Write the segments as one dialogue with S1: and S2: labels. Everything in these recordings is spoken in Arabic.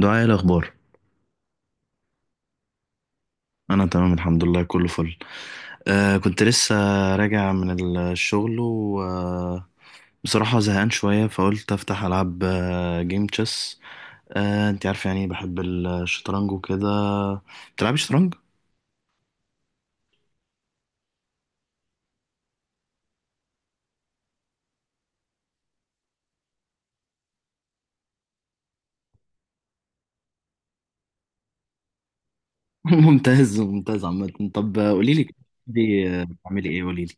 S1: دعاء، إيه الأخبار؟ أنا تمام، الحمد لله، كله فل. كنت لسه راجع من الشغل، وبصراحة زهقان شوية، فقلت أفتح ألعب جيم تشيس. أنت عارف يعني بحب الشطرنج وكده. بتلعبي شطرنج؟ ممتاز، ممتاز. عامة طب، قوليلي كده. دي بتعملي إيه؟ قوليلي.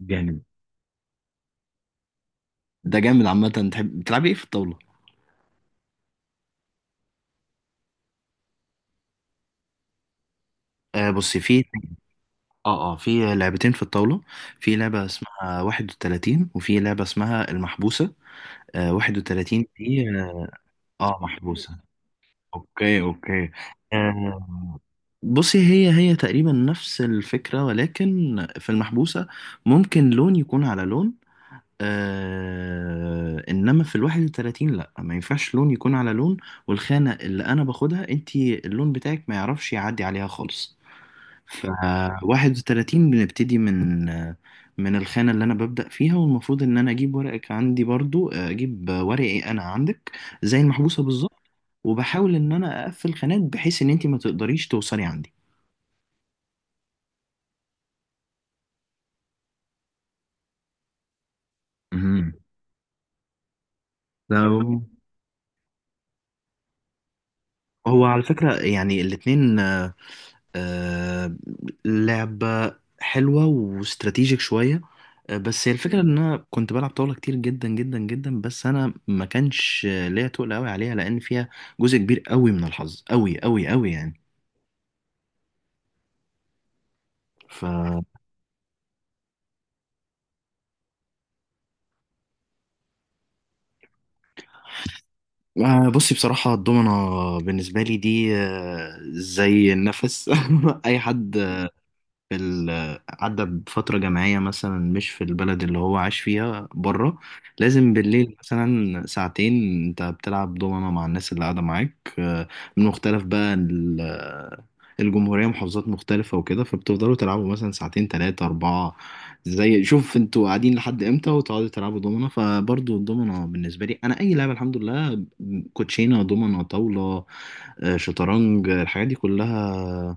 S1: جامد. ده جامد. عامة، تحب بتلعبي إيه في الطاولة؟ بصي، في اه، اه، في لعبتين في الطاولة. في لعبة اسمها واحد وتلاتين، وفي لعبة اسمها المحبوسة. 31 دي، اه. آه، محبوسة. اوكي، اوكي. آه بصي، هي تقريبا نفس الفكرة، ولكن في المحبوسة ممكن لون يكون على لون. انما في الواحد وتلاتين لا، ما ينفعش لون يكون على لون، والخانة اللي انا باخدها انتي اللون بتاعك ما يعرفش يعدي عليها خالص. ف 31 بنبتدي من الخانة اللي أنا ببدأ فيها، والمفروض إن أنا أجيب ورقك عندي، برضو أجيب ورقي أنا عندك، زي المحبوسة بالظبط. وبحاول إن أنا أقفل خانات بحيث إن أنت ما تقدريش توصلي عندي. مهم. لو هو على فكرة يعني الاتنين، آه، لعبة حلوة واستراتيجيك شوية. بس هي الفكرة ان انا كنت بلعب طاولة كتير جدا جدا جدا، بس انا ما كانش ليا تقل قوي عليها، لان فيها جزء كبير قوي من الحظ، قوي قوي قوي يعني. ف بصي، بصراحة الدومنة بالنسبة لي دي زي النفس. اي حد في ال... عدى بفترة جامعية، مثلا مش في البلد اللي هو عاش فيها بره، لازم بالليل مثلا ساعتين انت بتلعب دومنة مع الناس اللي قاعدة معاك، من مختلف بقى ال... آه، الجمهورية، محافظات مختلفة وكده، فبتفضلوا تلعبوا مثلا ساعتين تلاتة أربعة، زي شوف انتوا قاعدين لحد امتى، وتقعدوا تلعبوا دومنة. فبرضو الدومنة بالنسبة لي أنا أي لعبة، الحمد لله، كوتشينة، دومنة، طاولة، شطرنج، الحاجات دي كلها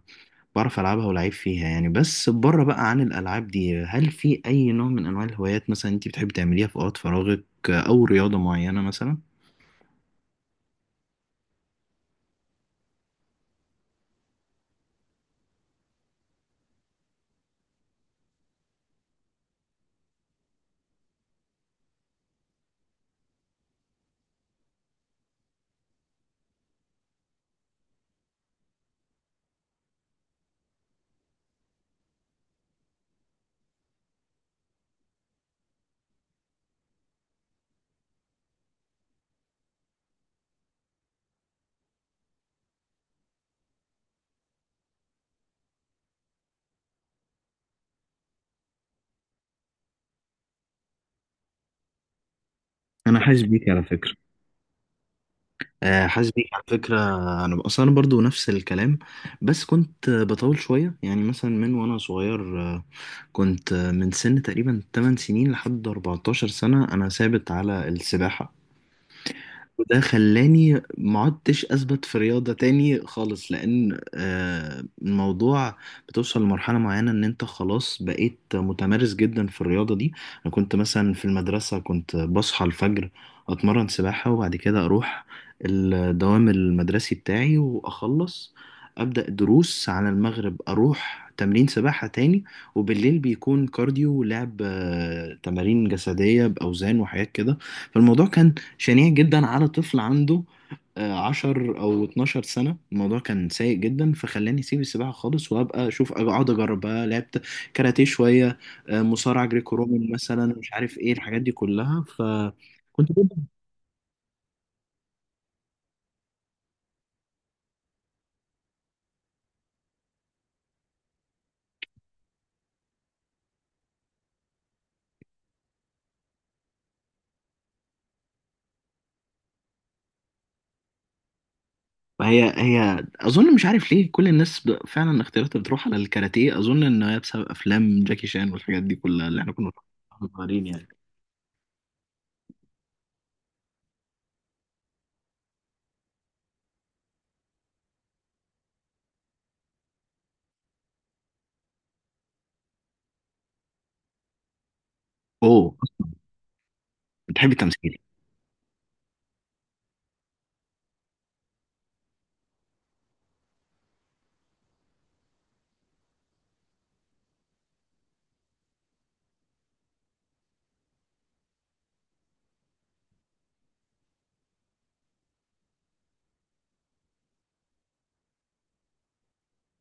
S1: بعرف ألعبها ولعيب فيها يعني. بس بره بقى عن الألعاب دي، هل في أي نوع من أنواع الهوايات مثلا أنت بتحب تعمليها في أوقات فراغك، أو رياضة معينة مثلا؟ انا حاسس بيك على فكره. حاسس بيك على فكرة. أنا أصلا، أنا برضو نفس الكلام، بس كنت بطول شوية يعني. مثلا من وأنا صغير، كنت من سن تقريبا 8 سنين لحد 14 سنة أنا ثابت على السباحة. وده خلاني ما عدتش اثبت في رياضة تاني خالص، لان الموضوع بتوصل لمرحلة معينة ان انت خلاص بقيت متمرس جدا في الرياضة دي. انا كنت مثلا في المدرسة كنت بصحى الفجر، اتمرن سباحة، وبعد كده اروح الدوام المدرسي بتاعي واخلص، ابدا دروس، على المغرب اروح تمرين سباحة تاني، وبالليل بيكون كارديو ولعب تمارين جسدية باوزان وحاجات كده. فالموضوع كان شنيع جدا على طفل عنده 10 أو 12 سنة. الموضوع كان سيء جدا، فخلاني أسيب السباحة خالص، وأبقى أشوف أقعد أجرب بقى. لعبت كاراتيه شوية، مصارعة جريكو رومان مثلا، مش عارف إيه الحاجات دي كلها، فكنت جدا. هي أظن، مش عارف ليه كل الناس فعلا اختياراتها بتروح على الكاراتيه، أظن إن هي بسبب أفلام جاكي شان والحاجات دي كلها اللي إحنا كنا صغيرين يعني. أوه، بتحبي التمثيل؟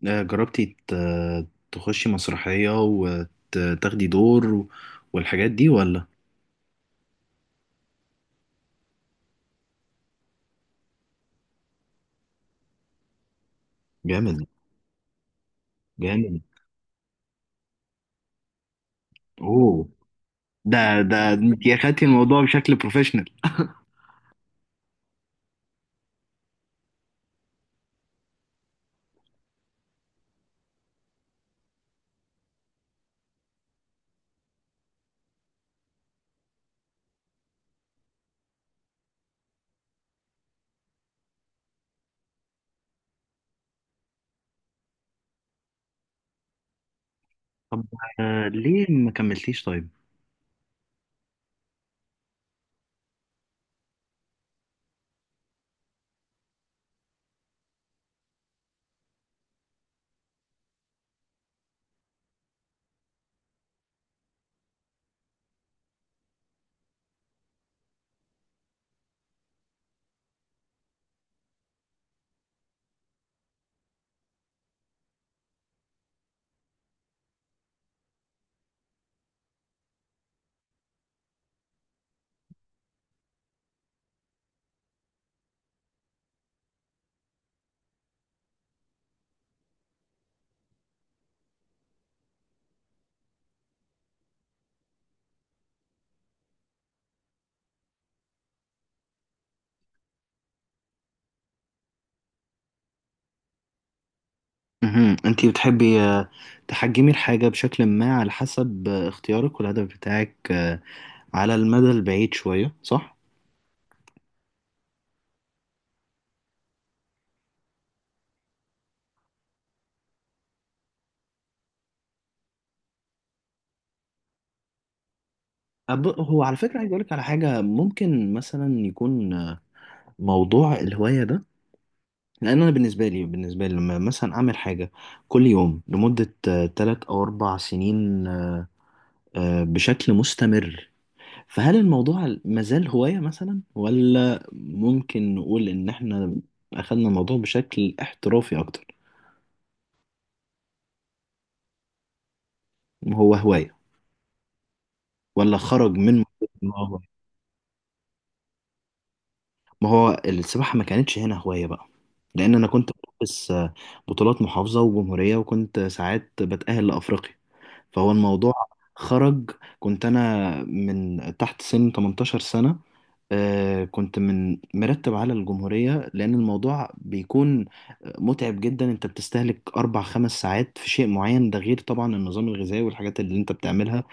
S1: جربتي تخشي مسرحية وتاخدي دور والحاجات دي، ولا؟ جامد. جامد. اوه، ده انت اخدتي الموضوع بشكل بروفيشنال. طب، ليه ما كملتيش طيب؟ مهم. انت بتحبي تحجمي الحاجة بشكل ما على حسب اختيارك والهدف بتاعك، على المدى البعيد شوية، صح؟ هو على فكرة عايز أقولك على حاجة، ممكن مثلا يكون موضوع الهواية ده، لان انا بالنسبه لي لما مثلا اعمل حاجه كل يوم لمده 3 او 4 سنين ، بشكل مستمر، فهل الموضوع مازال هوايه مثلا، ولا ممكن نقول ان احنا اخذنا الموضوع بشكل احترافي اكتر؟ هو هوايه، ولا خرج من؟ ما هو ما هو السباحه ما كانتش هنا هوايه بقى، لان انا كنت بس بطولات محافظه وجمهوريه، وكنت ساعات بتاهل لافريقيا، فهو الموضوع خرج. كنت انا من تحت سن 18 سنة، كنت من مرتب على الجمهورية، لأن الموضوع بيكون متعب جدا. أنت بتستهلك 4 5 ساعات في شيء معين، ده غير طبعا النظام الغذائي والحاجات اللي أنت بتعملها.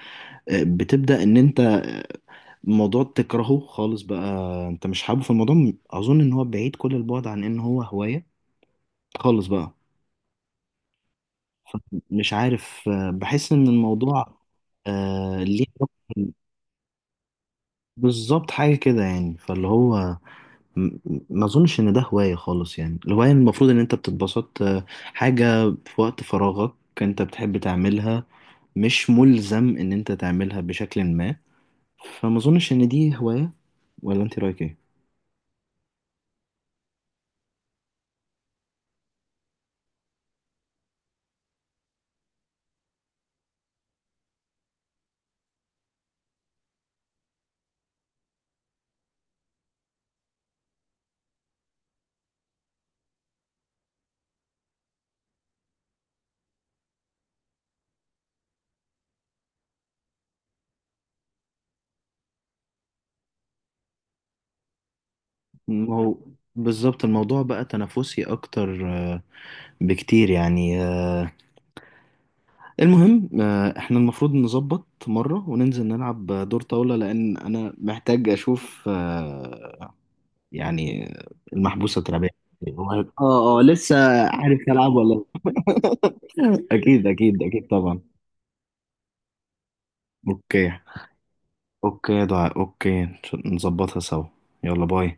S1: بتبدأ إن أنت الموضوع تكرهه خالص بقى، أنت مش حابه في الموضوع. أظن إن هو بعيد كل البعد عن إن هو هواية خالص بقى. مش عارف بحس إن الموضوع، ليه؟ بالظبط، حاجة كده يعني، فاللي هو م- ما اظنش ان ده هواية خالص يعني. الهواية المفروض ان انت بتتبسط، حاجة في وقت فراغك، انت بتحب تعملها، مش ملزم ان انت تعملها بشكل ما، فما اظنش ان دي هواية. ولا انت رايك ايه؟ ما هو بالظبط. الموضوع بقى تنافسي اكتر بكتير يعني. المهم احنا المفروض نظبط مرة وننزل نلعب دور طاولة، لان انا محتاج اشوف يعني، المحبوسة الترابية. اه، اه، لسه. عارف ألعب ولا لأ؟ أكيد، أكيد، أكيد، طبعا. أوكي، أوكي. ضاع. أوكي، نظبطها سوا. يلا، باي.